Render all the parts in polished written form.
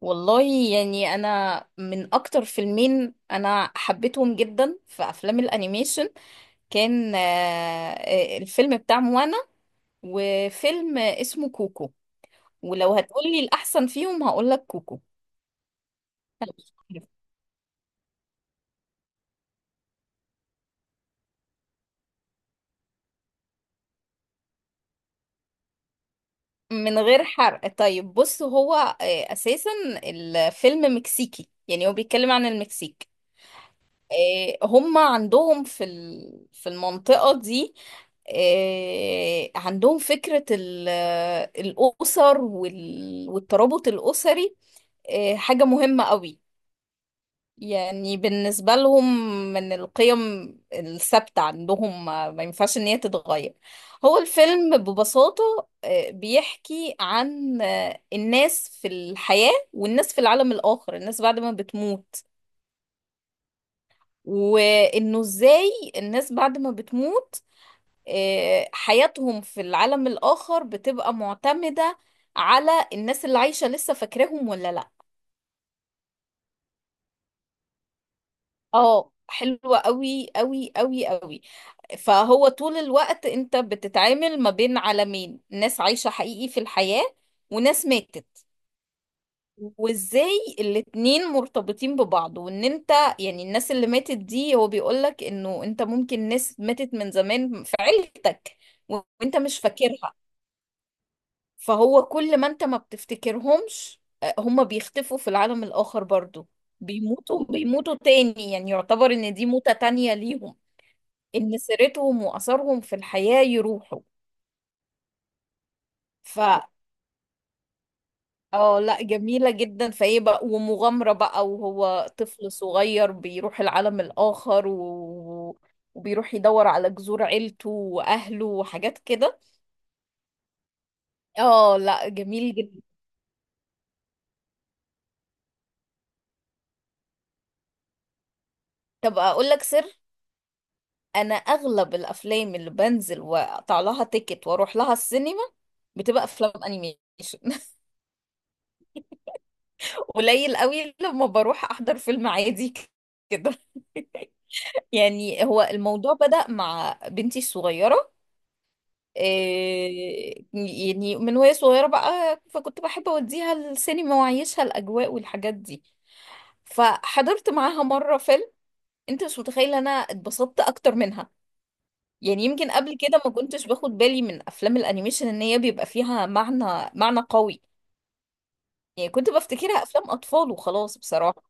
والله. يعني انا من اكتر فيلمين انا حبيتهم جدا في افلام الانيميشن، كان الفيلم بتاع موانا وفيلم اسمه كوكو. ولو هتقولي الاحسن فيهم هقولك كوكو. من غير حرق، طيب بص هو اساسا الفيلم مكسيكي، يعني هو بيتكلم عن المكسيك. هم عندهم في المنطقة دي عندهم فكرة الأسر والترابط الأسري، حاجة مهمة قوي يعني بالنسبة لهم، من القيم الثابتة عندهم ما ينفعش إن هي تتغير. هو الفيلم ببساطة بيحكي عن الناس في الحياة والناس في العالم الآخر، الناس بعد ما بتموت. وانه ازاي الناس بعد ما بتموت حياتهم في العالم الاخر بتبقى معتمدة على الناس اللي عايشة لسه، فاكراهم ولا لا. اه، حلوة قوي قوي قوي قوي. فهو طول الوقت انت بتتعامل ما بين عالمين، ناس عايشة حقيقي في الحياة وناس ماتت. وازاي الاتنين مرتبطين ببعض، وان انت يعني الناس اللي ماتت دي، هو بيقولك انه انت ممكن ناس ماتت من زمان في عيلتك وانت مش فاكرها. فهو كل ما انت ما بتفتكرهمش هما بيختفوا في العالم الآخر برضو، بيموتوا بيموتوا تاني، يعني يعتبر ان دي موتة تانية ليهم، ان سيرتهم وأثرهم في الحياة يروحوا. ف اه لا، جميلة جدا. فايه بقى ومغامرة بقى، وهو طفل صغير بيروح العالم الآخر وبيروح يدور على جذور عيلته وأهله وحاجات كده. اه لا، جميل جدا. طب أقول لك سر. أنا أغلب الأفلام اللي بنزل وأقطع لها تيكت وأروح لها السينما بتبقى أفلام أنيميشن. قليل قوي لما بروح أحضر فيلم عادي كده. يعني هو الموضوع بدأ مع بنتي الصغيرة. إيه، يعني من وهي صغيرة بقى، فكنت بحب أوديها السينما وأعيشها الأجواء والحاجات دي. فحضرت معاها مرة فيلم، أنت مش متخيلة أنا اتبسطت أكتر منها. يعني يمكن قبل كده ما كنتش باخد بالي من أفلام الأنيميشن إن هي بيبقى فيها معنى معنى قوي. يعني كنت بفتكرها أفلام أطفال وخلاص بصراحة.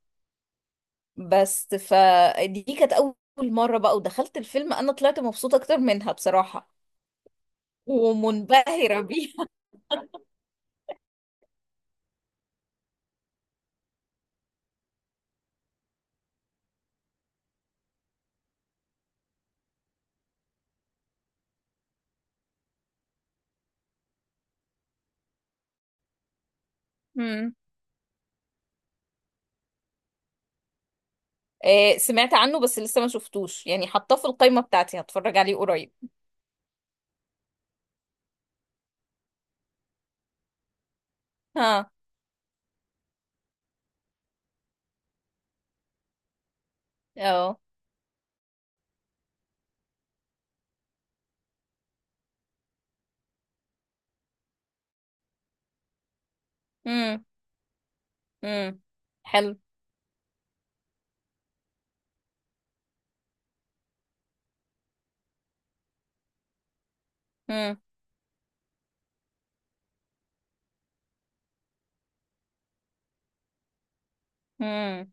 بس فدي كانت أول مرة بقى، ودخلت الفيلم أنا طلعت مبسوطة أكتر منها بصراحة، ومنبهرة بيها. سمعت عنه بس لسه ما شفتوش، يعني حطاه في القائمة بتاعتي هتفرج عليه قريب. ها. اه. امم. امم. حلو. امم. امم.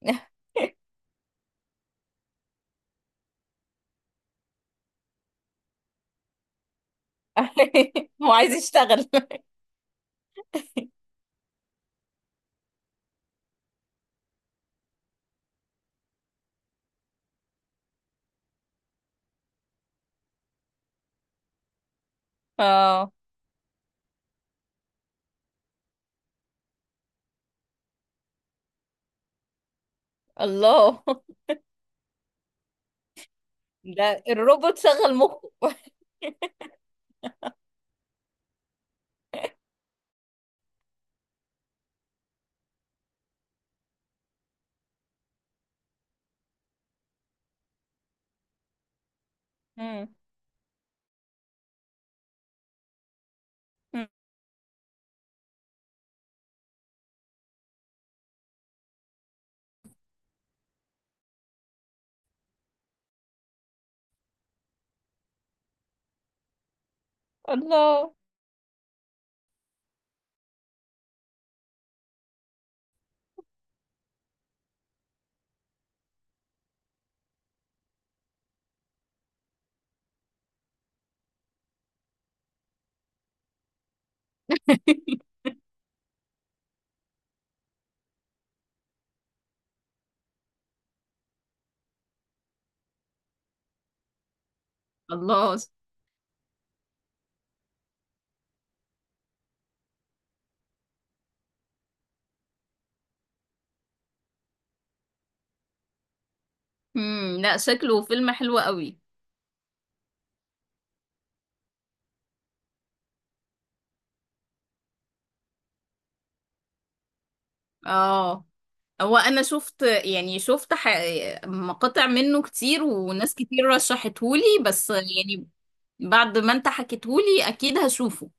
هو عايز يشتغل. اه. الله، ده الروبوت شغل مخه. امم. الله. الله. امم. لا، شكله فيلم حلو قوي. اه، هو انا شفت، يعني شفت مقاطع منه كتير، وناس كتير رشحتهولي، بس يعني بعد ما انت حكيتهولي اكيد هشوفه.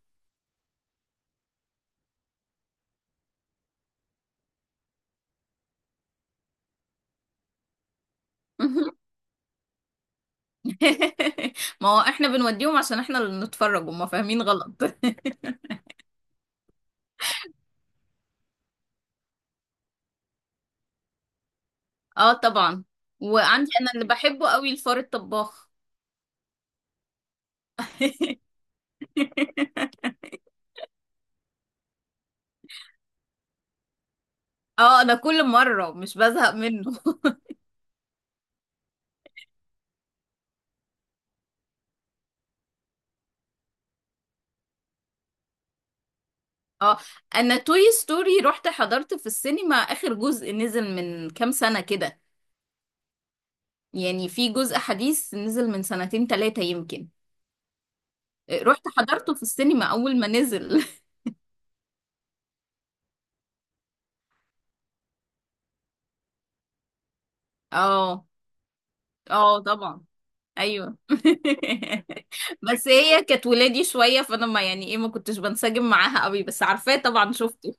ما هو احنا بنوديهم عشان احنا اللي نتفرج، وما فاهمين غلط. اه طبعا. وعندي انا اللي بحبه قوي الفار الطباخ. اه، انا كل مرة مش بزهق منه. اه، انا توي ستوري رحت حضرت في السينما اخر جزء نزل من كام سنة كده، يعني في جزء حديث نزل من سنتين تلاتة يمكن، رحت حضرته في السينما أول ما نزل. اه. اه طبعا. ايوه. بس هي كانت ولادي شوية، فانا ما، يعني ايه، ما كنتش بنسجم معاها قوي، بس عارفاه طبعا، شفته.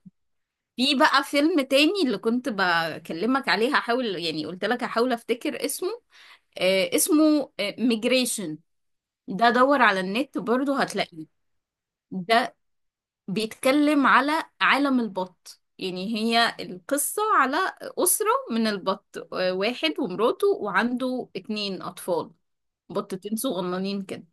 في بقى فيلم تاني اللي كنت بكلمك عليه، هحاول، يعني قلت لك هحاول افتكر اسمه. اسمه ميجريشن. ده دور على النت برضه هتلاقيه. ده بيتكلم على عالم البط. يعني هي القصة على أسرة من البط، واحد ومراته وعنده اتنين أطفال، بطتين صغننين كده.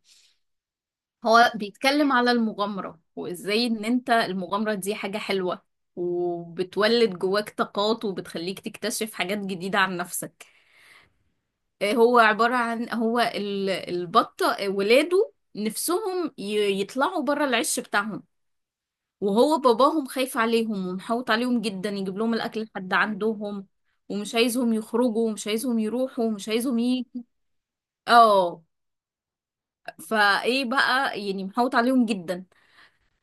هو بيتكلم على المغامرة، وإزاي إن أنت المغامرة دي حاجة حلوة، وبتولد جواك طاقات، وبتخليك تكتشف حاجات جديدة عن نفسك. هو عبارة عن، البطة ولاده نفسهم يطلعوا بره العش بتاعهم، وهو باباهم خايف عليهم ومحوط عليهم جدا، يجيب لهم الاكل لحد عندهم، ومش عايزهم يخرجوا ومش عايزهم يروحوا ومش عايزهم اه. فايه بقى، يعني محوط عليهم جدا.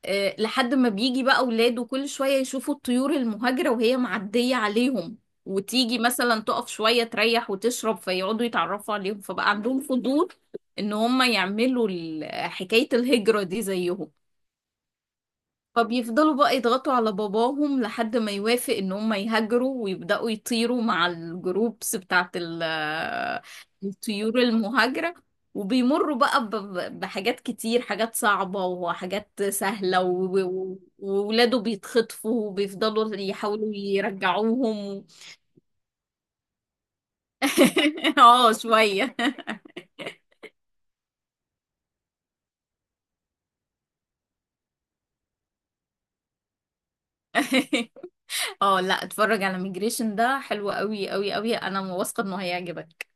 أه، لحد ما بيجي بقى اولاده كل شوية يشوفوا الطيور المهاجرة وهي معدية عليهم، وتيجي مثلا تقف شوية تريح وتشرب، فيقعدوا يتعرفوا عليهم، فبقى عندهم فضول ان هم يعملوا حكاية الهجرة دي زيهم. فبيفضلوا بقى يضغطوا على باباهم لحد ما يوافق ان هم يهاجروا، ويبدأوا يطيروا مع الجروبس بتاعت الطيور المهاجرة، وبيمروا بقى بحاجات كتير، حاجات صعبة وحاجات سهلة، وولاده بيتخطفوا وبيفضلوا يحاولوا يرجعوهم. اه شوية. اه لا، اتفرج على ميجريشن، ده حلو قوي قوي قوي، انا واثقة انه هيعجبك.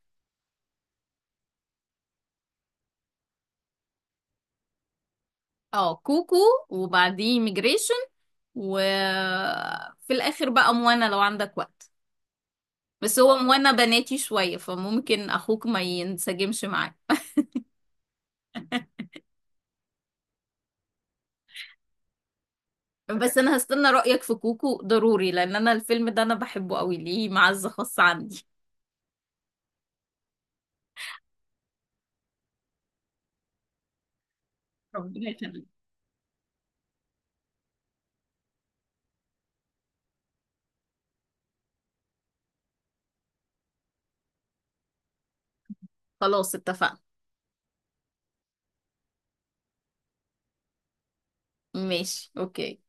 اه، كوكو وبعديه ميجريشن، وفي الاخر بقى موانا لو عندك وقت. بس هو موانا بناتي شوية، فممكن اخوك ما ينسجمش معاه، بس انا هستنى رأيك في كوكو ضروري، لان انا الفيلم ده انا بحبه قوي، ليه معزة خاصة عندي. ربنا يخليك. خلاص اتفقنا. ماشي، اوكي.